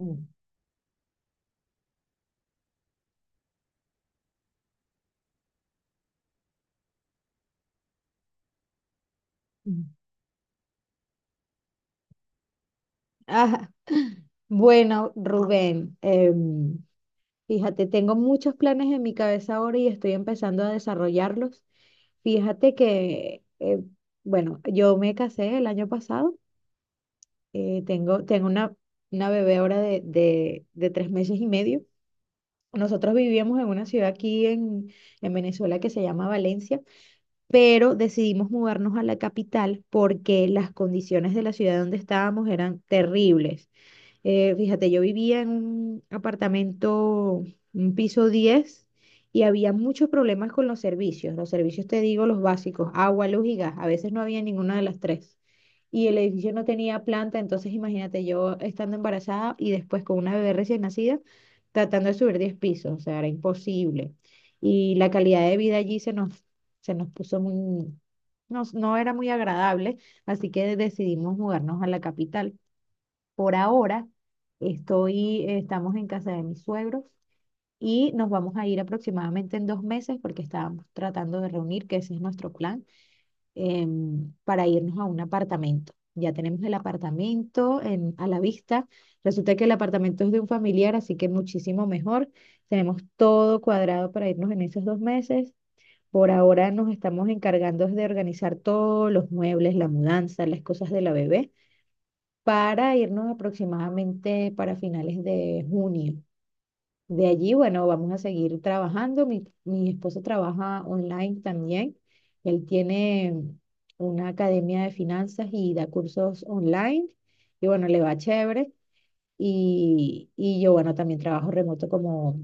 Mm, mm. Ajá. Bueno, Rubén, fíjate, tengo muchos planes en mi cabeza ahora y estoy empezando a desarrollarlos. Fíjate que, bueno, yo me casé el año pasado. Tengo una bebé ahora de 3 meses y medio. Nosotros vivíamos en una ciudad aquí en Venezuela que se llama Valencia, pero decidimos mudarnos a la capital porque las condiciones de la ciudad donde estábamos eran terribles. Fíjate, yo vivía en un apartamento, un piso 10, y había muchos problemas con los servicios. Los servicios, te digo, los básicos: agua, luz y gas. A veces no había ninguna de las tres. Y el edificio no tenía planta, entonces imagínate, yo estando embarazada y después con una bebé recién nacida, tratando de subir 10 pisos, o sea, era imposible. Y la calidad de vida allí se nos puso muy, no era muy agradable, así que decidimos mudarnos a la capital. Por ahora estamos en casa de mis suegros y nos vamos a ir aproximadamente en 2 meses, porque estábamos tratando de reunir, que ese es nuestro plan, para irnos a un apartamento. Ya tenemos el apartamento a la vista. Resulta que el apartamento es de un familiar, así que muchísimo mejor. Tenemos todo cuadrado para irnos en esos 2 meses. Por ahora nos estamos encargando de organizar todos los muebles, la mudanza, las cosas de la bebé, para irnos aproximadamente para finales de junio. De allí, bueno, vamos a seguir trabajando. Mi esposo trabaja online también. Él tiene una academia de finanzas y da cursos online. Y bueno, le va chévere. Y yo, bueno, también trabajo remoto como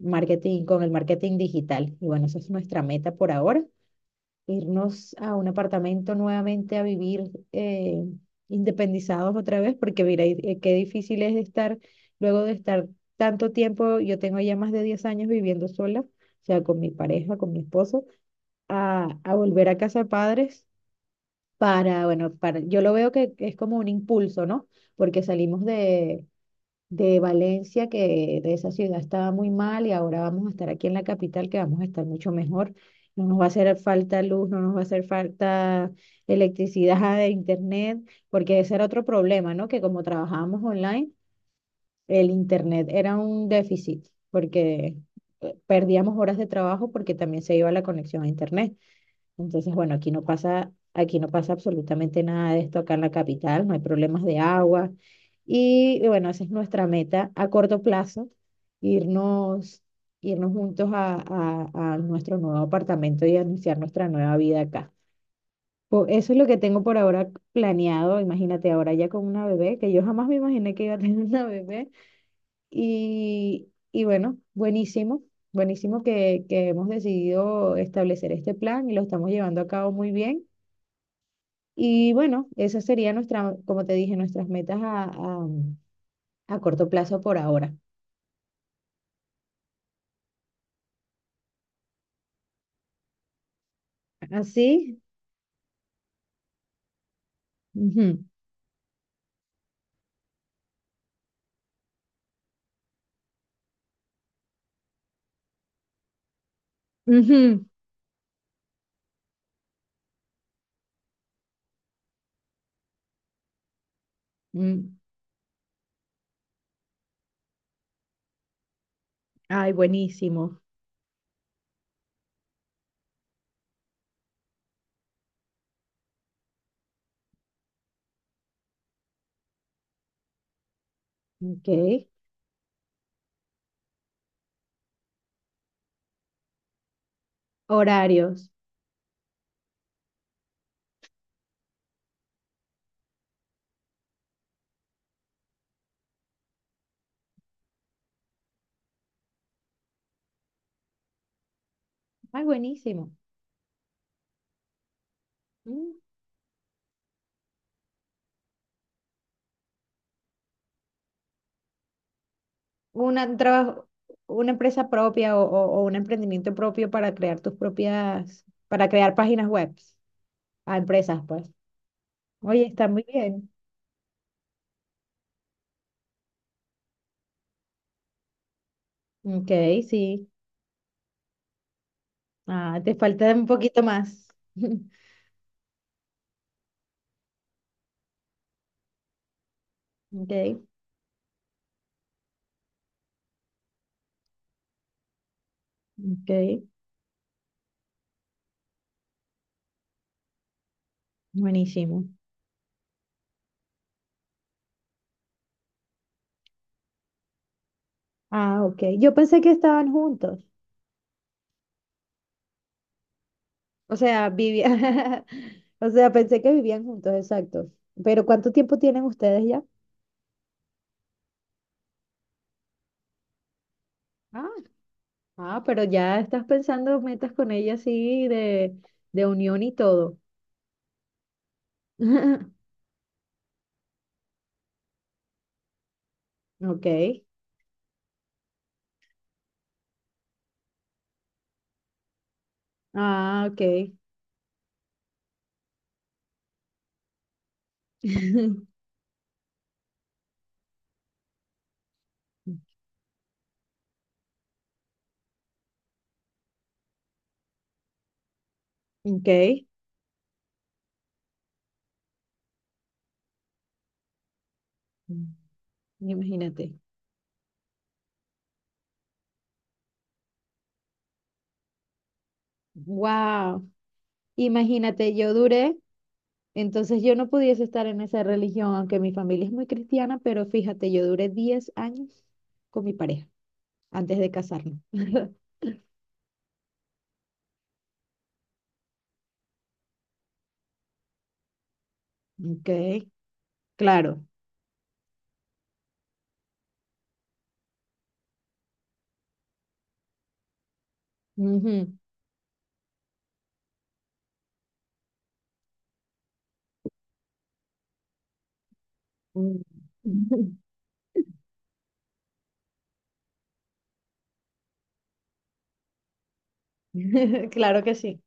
marketing, con el marketing digital. Y bueno, esa es nuestra meta por ahora: irnos a un apartamento nuevamente a vivir, independizados otra vez. Porque mira, qué difícil es estar, luego de estar tanto tiempo, yo tengo ya más de 10 años viviendo sola, o sea, con mi pareja, con mi esposo, a volver a casa de padres para, bueno, para, yo lo veo que es como un impulso, ¿no? Porque salimos de Valencia, que de esa ciudad estaba muy mal, y ahora vamos a estar aquí en la capital, que vamos a estar mucho mejor. No nos va a hacer falta luz, no nos va a hacer falta electricidad de internet, porque ese era otro problema, ¿no? Que como trabajábamos online, el internet era un déficit, porque perdíamos horas de trabajo porque también se iba la conexión a internet. Entonces, bueno, aquí no pasa absolutamente nada de esto acá en la capital, no hay problemas de agua. Y bueno, esa es nuestra meta a corto plazo: irnos, irnos juntos a nuestro nuevo apartamento, y anunciar nuestra nueva vida acá. Eso es lo que tengo por ahora planeado. Imagínate, ahora ya con una bebé, que yo jamás me imaginé que iba a tener una bebé. Y bueno, buenísimo. Buenísimo que hemos decidido establecer este plan y lo estamos llevando a cabo muy bien. Y bueno, esas serían nuestra, como te dije, nuestras metas a corto plazo por ahora. Así. Ujú, ujú, mm. Ay, buenísimo. Ok. Horarios. Ay, buenísimo. Mm. Una, un trabajo, una empresa propia, o un emprendimiento propio, para crear tus propias, para crear páginas web a empresas, pues. Oye, está muy bien. Ok, sí. Ah, te falta un poquito más. Ok, ok. Buenísimo. Ah, ok. Yo pensé que estaban juntos. O sea, vivían. O sea, pensé que vivían juntos, exacto. Pero, ¿cuánto tiempo tienen ustedes ya? Ah, ah, pero ya estás pensando metas con ella así de unión y todo. Ok. Ah, ok. Ok. Imagínate. Wow. Imagínate, yo duré. Entonces yo no pudiese estar en esa religión, aunque mi familia es muy cristiana, pero fíjate, yo duré 10 años con mi pareja antes de casarnos. Ok, claro. Ujú. Mm. Claro que sí.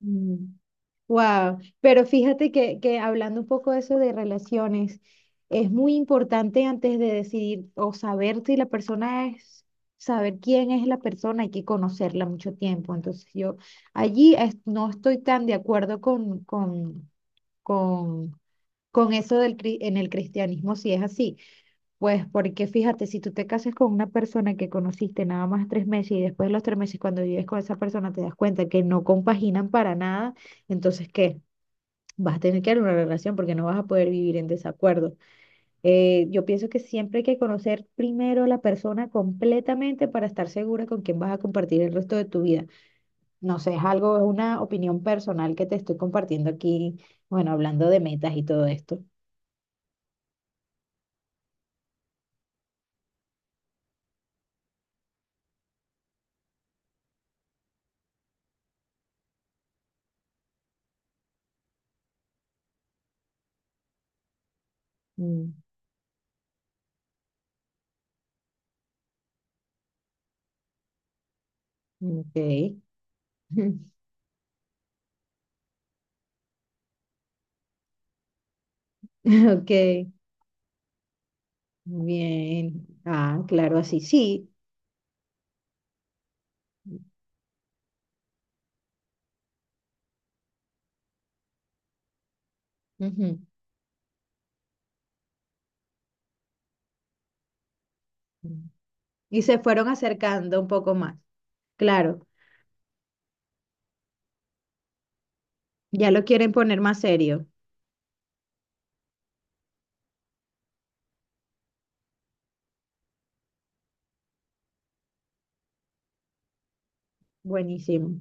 Mm. Wow, pero fíjate que hablando un poco de eso de relaciones, es muy importante antes de decidir o saber si la persona es, saber quién es la persona, hay que conocerla mucho tiempo. Entonces yo allí no estoy tan de acuerdo con, con eso en el cristianismo, si es así. Pues porque fíjate, si tú te casas con una persona que conociste nada más 3 meses, y después de los 3 meses cuando vives con esa persona te das cuenta que no compaginan para nada, entonces ¿qué? Vas a tener que dar una relación porque no vas a poder vivir en desacuerdo. Yo pienso que siempre hay que conocer primero a la persona completamente, para estar segura con quién vas a compartir el resto de tu vida. No sé, es algo, es una opinión personal que te estoy compartiendo aquí, bueno, hablando de metas y todo esto. Mm, ok, ok, bien. Ah, claro, así, sí. Ujú. Y se fueron acercando un poco más. Claro, ya lo quieren poner más serio. Buenísimo.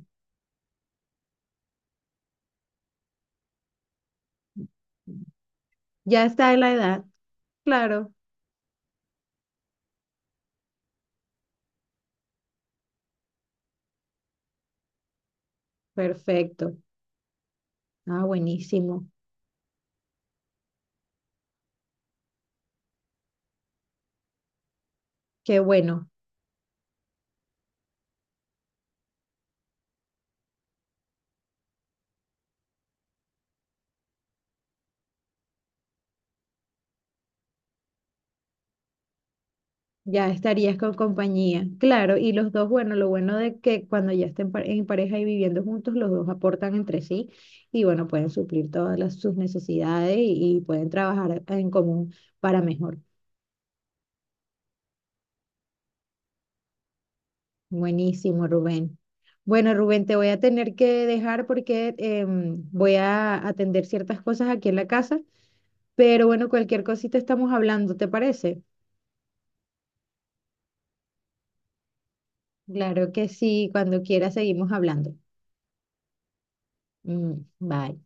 Ya está en la edad. Claro, perfecto. Ah, buenísimo. Qué bueno. Ya estarías con compañía. Claro, y los dos, bueno, lo bueno de que cuando ya estén en pareja y viviendo juntos, los dos aportan entre sí, y bueno, pueden suplir todas sus necesidades, y pueden trabajar en común para mejor. Buenísimo, Rubén. Bueno, Rubén, te voy a tener que dejar porque voy a atender ciertas cosas aquí en la casa, pero bueno, cualquier cosita estamos hablando, ¿te parece? Claro que sí, cuando quiera seguimos hablando. Mm, bye.